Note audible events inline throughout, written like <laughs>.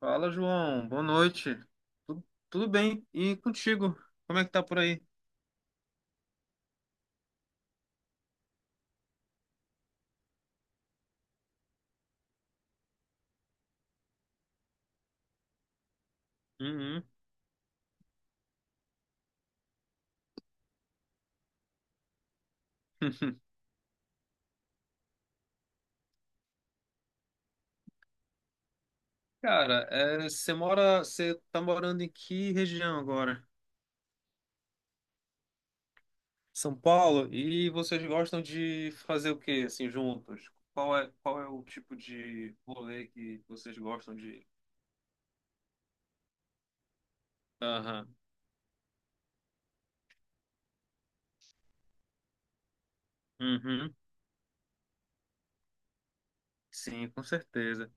Fala, João. Boa noite. Tu- tudo bem? E contigo? Como é que tá por aí? Uhum. <laughs> Cara, você mora, você tá morando em que região agora? São Paulo? E vocês gostam de fazer o quê, assim, juntos? Qual é o tipo de rolê que vocês gostam de? Aham. Uhum. Sim, com certeza.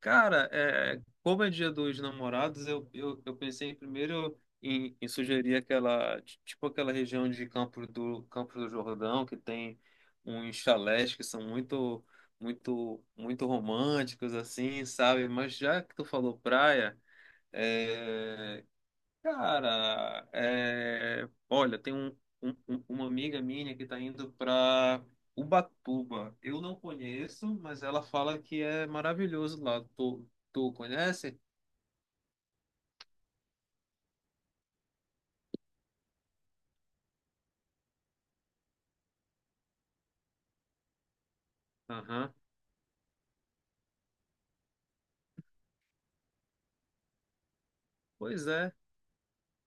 Cara, como é Dia dos Namorados, eu pensei primeiro em, sugerir tipo aquela região de Campo do Jordão, que tem uns chalés que são muito, muito, muito românticos, assim, sabe? Mas já que tu falou praia, é, Cara, olha, tem uma amiga minha que está indo para Ubatuba. Eu não conheço, mas ela fala que é maravilhoso lá. Tu conhece? Aham. Pois é.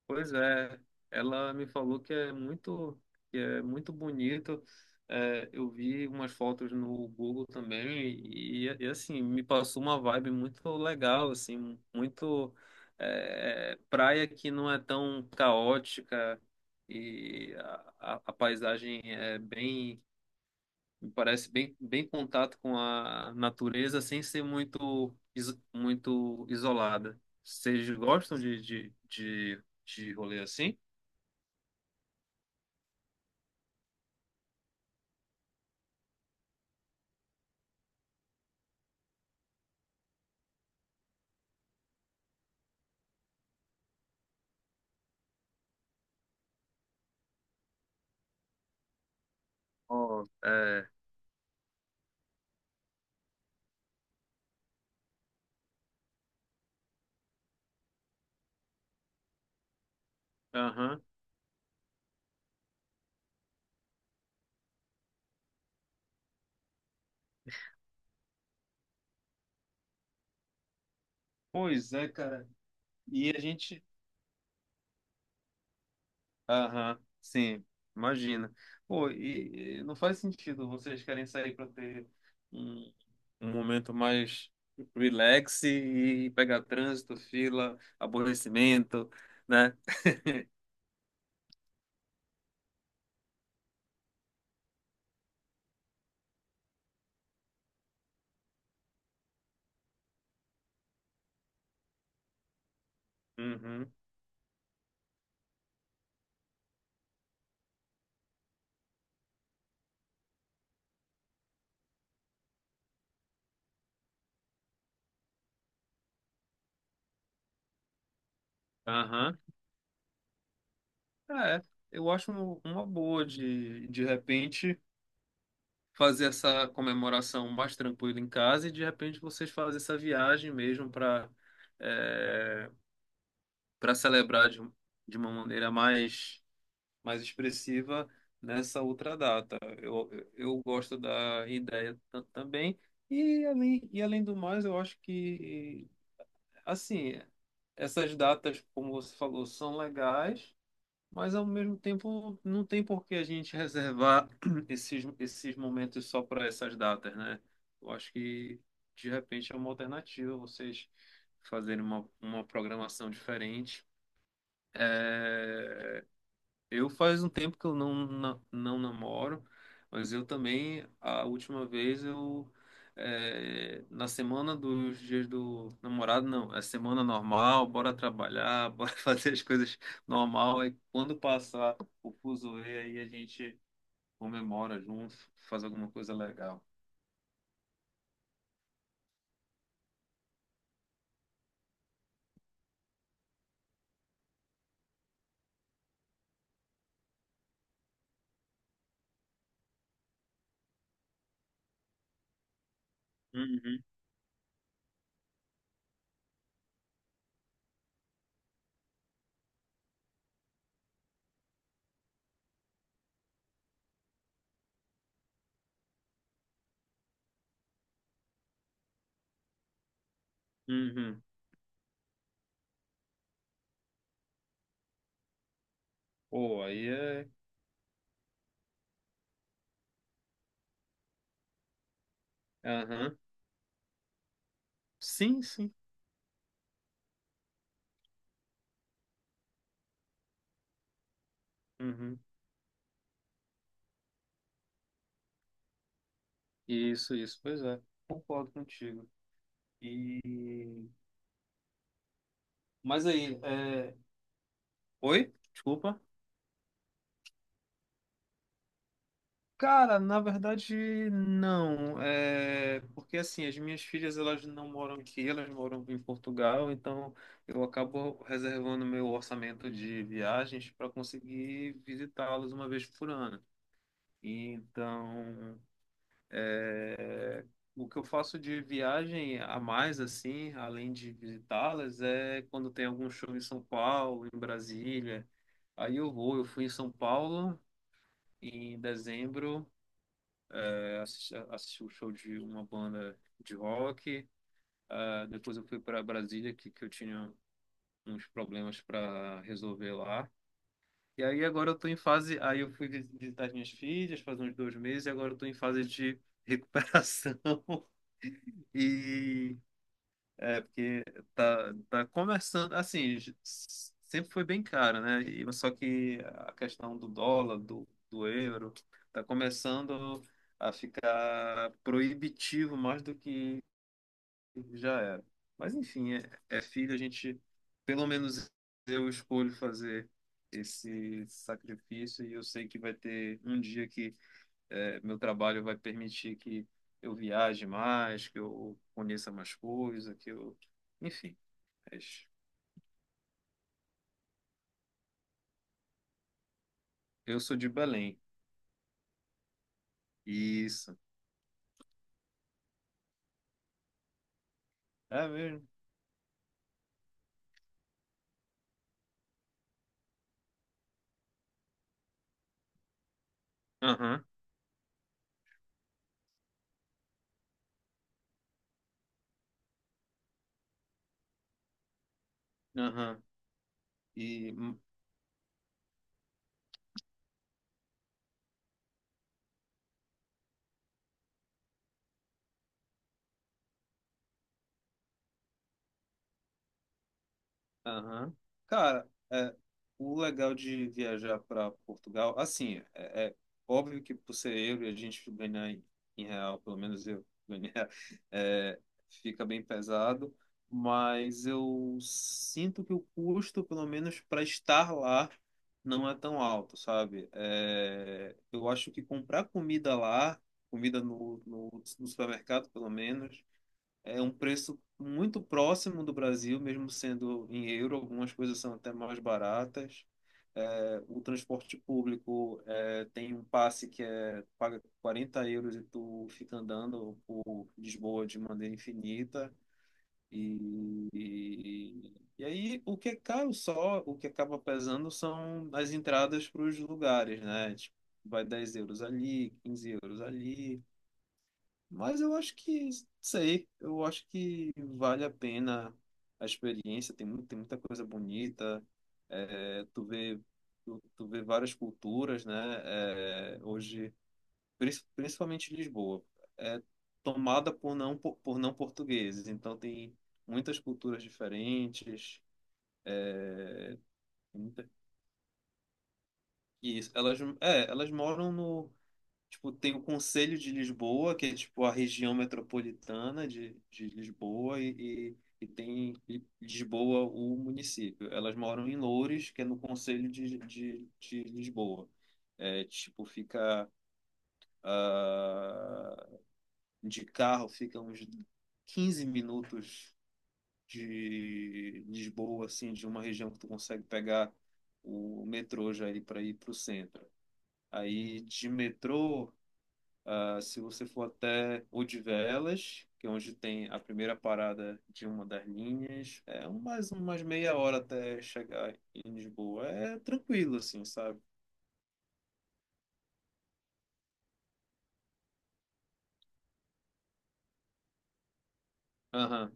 Pois é, ela me falou que é muito bonito. É, eu vi umas fotos no Google também e assim me passou uma vibe muito legal, assim, muito praia que não é tão caótica e a paisagem é bem, me parece bem, bem contato com a natureza sem ser muito isolada. Vocês gostam de rolê assim? Ó, é. Aham. Pois é, cara. E a gente. Aham, sim, imagina. Pô, e não faz sentido vocês querem sair para ter um, um momento mais relax e pegar trânsito, fila, aborrecimento, né? Uhum. Aham. É, eu acho uma boa de repente, fazer essa comemoração mais tranquila em casa e de repente vocês fazem essa viagem mesmo para celebrar de uma maneira mais expressiva nessa outra data. Eu gosto da ideia também, e além do mais, eu acho que, assim, essas datas, como você falou, são legais. Mas ao mesmo tempo, não tem por que a gente reservar <clears throat> esses momentos só para essas datas, né? Eu acho que de repente é uma alternativa vocês fazerem uma programação diferente é, eu faz um tempo que eu não namoro, mas eu também, a última vez eu, na semana dos dias do namorado, não, é semana normal, bora trabalhar, <laughs> bora fazer as coisas normal, e quando passar o fuzuê, aí a gente comemora junto, faz alguma coisa legal. Uhum, uhum. Pô, aí é. Aham. Sim, sim. Uhum. Isso, pois é. Concordo contigo. E Mas aí, é... Oi? Desculpa. Cara, na verdade, não. É porque assim, as minhas filhas elas não moram aqui, elas moram em Portugal, então eu acabo reservando meu orçamento de viagens para conseguir visitá-las uma vez por ano. Então, é, o que eu faço de viagem a mais assim, além de visitá-las, é quando tem algum show em São Paulo, em Brasília. Aí eu fui em São Paulo em dezembro, assisti o show de uma banda de rock. Ah, depois eu fui para Brasília, que eu tinha uns problemas para resolver lá. E aí agora eu tô em fase. Aí eu fui visitar as minhas filhas faz uns 2 meses, e agora eu tô em fase de recuperação. <laughs> E É, porque tá conversando, assim, sempre foi bem caro, né? E, só que a questão do dólar, do euro, tá começando a ficar proibitivo mais do que já era. Mas, enfim, é filho, a gente, pelo menos eu escolho fazer esse sacrifício e eu sei que vai ter um dia que é, meu trabalho vai permitir que eu viaje mais, que eu conheça mais coisas, que eu. Enfim, mas eu sou de Belém. Isso. É mesmo? Aham, aham. E Aham. Cara, o legal de viajar para Portugal, assim, é óbvio que por ser euro e a gente ganhar em real, pelo menos eu ganhar, <laughs> é, fica bem pesado, mas eu sinto que o custo, pelo menos para estar lá, não é tão alto, sabe? É, eu acho que comprar comida lá, comida no supermercado, pelo menos, é um preço muito próximo do Brasil, mesmo sendo em euro, algumas coisas são até mais baratas. É, o transporte público tem um passe que é paga 40 euros e tu fica andando por Lisboa de maneira infinita. E, e, e aí o que é caro só, o que acaba pesando são as entradas para os lugares, né? Tipo, vai 10 euros ali, 15 euros ali. Mas eu acho que vale a pena a experiência, tem, tem muita coisa bonita, tu vê, tu vê várias culturas, né? É, hoje, prin- principalmente Lisboa, é tomada por por não portugueses, então tem muitas culturas diferentes, muita, e isso, elas, é, elas moram no Tipo, tem o Conselho de Lisboa, que é tipo a região metropolitana de Lisboa, e tem Lisboa, o município. Elas moram em Loures, que é no Conselho de Lisboa. É, tipo, fica ah, de carro, fica uns 15 minutos de Lisboa, assim, de uma região que tu consegue pegar o metrô já aí para ir para o centro. Aí de metrô. Se você for até Odivelas, que é onde tem a primeira parada de uma das linhas, é mais umas meia hora até chegar em Lisboa. É tranquilo, assim, sabe? Aham.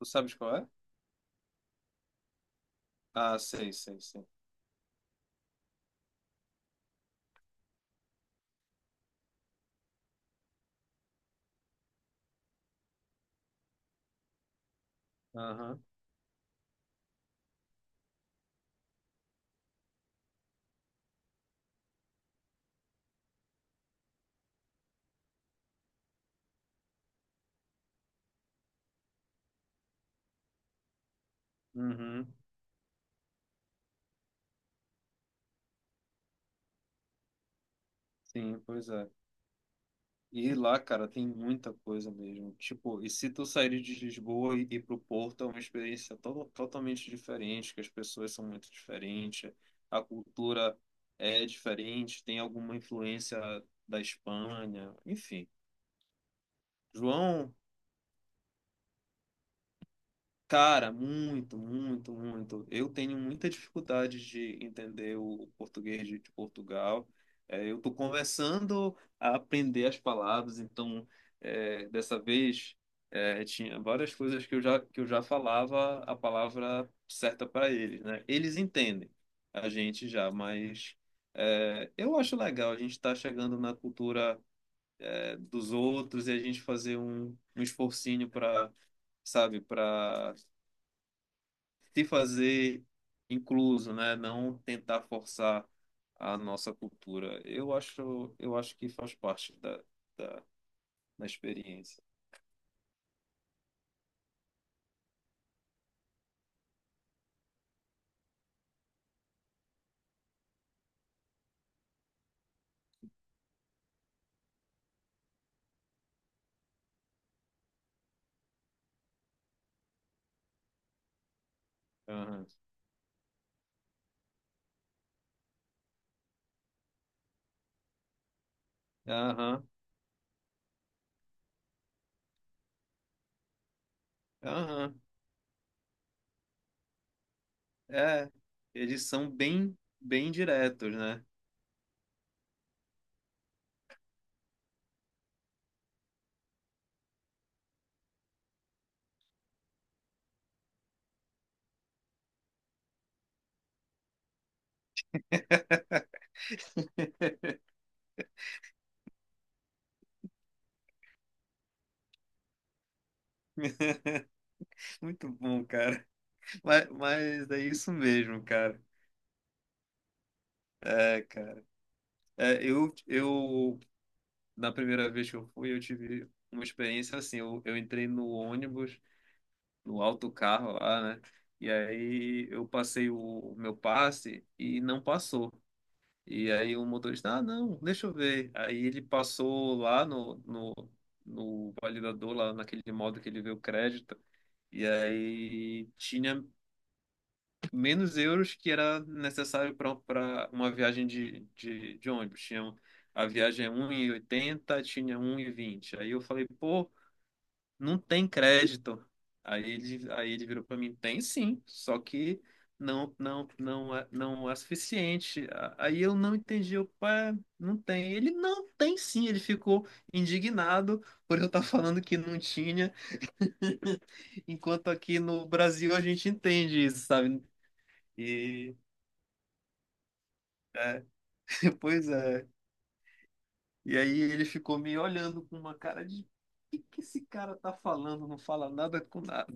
Tu sabes qual é? Ah, sei, sei, sei. Aham. Uhum. Sim, pois é. E lá, cara, tem muita coisa mesmo. Tipo, e se tu sair de Lisboa e ir pro Porto, é uma experiência to totalmente diferente, que as pessoas são muito diferentes, a cultura é diferente, tem alguma influência da Espanha, enfim. João. Cara, muito, muito, muito. Eu tenho muita dificuldade de entender o português de Portugal. É, eu estou começando a aprender as palavras, então dessa vez, tinha várias coisas que que eu já falava a palavra certa para eles, né? Eles entendem a gente já, mas eu acho legal a gente estar chegando na cultura, dos outros e a gente fazer um esforcinho sabe, para se fazer incluso, né? Não tentar forçar a nossa cultura. Eu acho que faz parte da, da experiência. Aham, aham, aham. É, eles são bem, bem diretos, né? <laughs> Muito bom, cara. Mas é isso mesmo, cara. É, cara. É, eu, na primeira vez que eu fui, eu tive uma experiência assim. Eu entrei no ônibus no alto do carro lá, né? E aí eu passei o meu passe e não passou. E aí o motorista, ah, não, deixa eu ver. Aí ele passou lá no validador, lá naquele modo que ele vê o crédito. E aí tinha menos euros que era necessário para uma viagem de ônibus. Tinha, a viagem é um e oitenta, tinha um e vinte. Aí eu falei, pô, não tem crédito. Aí ele virou para mim, tem sim, só que não, não, não é suficiente. Aí eu não entendi, eu, pá, não tem. Ele não tem sim, ele ficou indignado por eu estar falando que não tinha, <laughs> enquanto aqui no Brasil a gente entende isso, sabe? E é, <laughs> pois é. E aí ele ficou me olhando com uma cara de, o que que esse cara tá falando? Não fala nada com nada.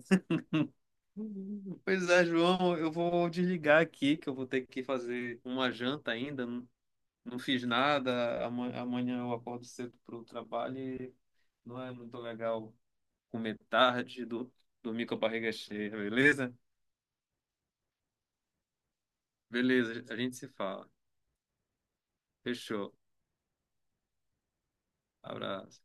Pois é, João, eu vou desligar aqui, que eu vou ter que fazer uma janta ainda. Não, não fiz nada. Amanhã eu acordo cedo para o trabalho e não é muito legal comer tarde, dormir com a barriga cheia, beleza? Beleza, a gente se fala. Fechou. Abraço.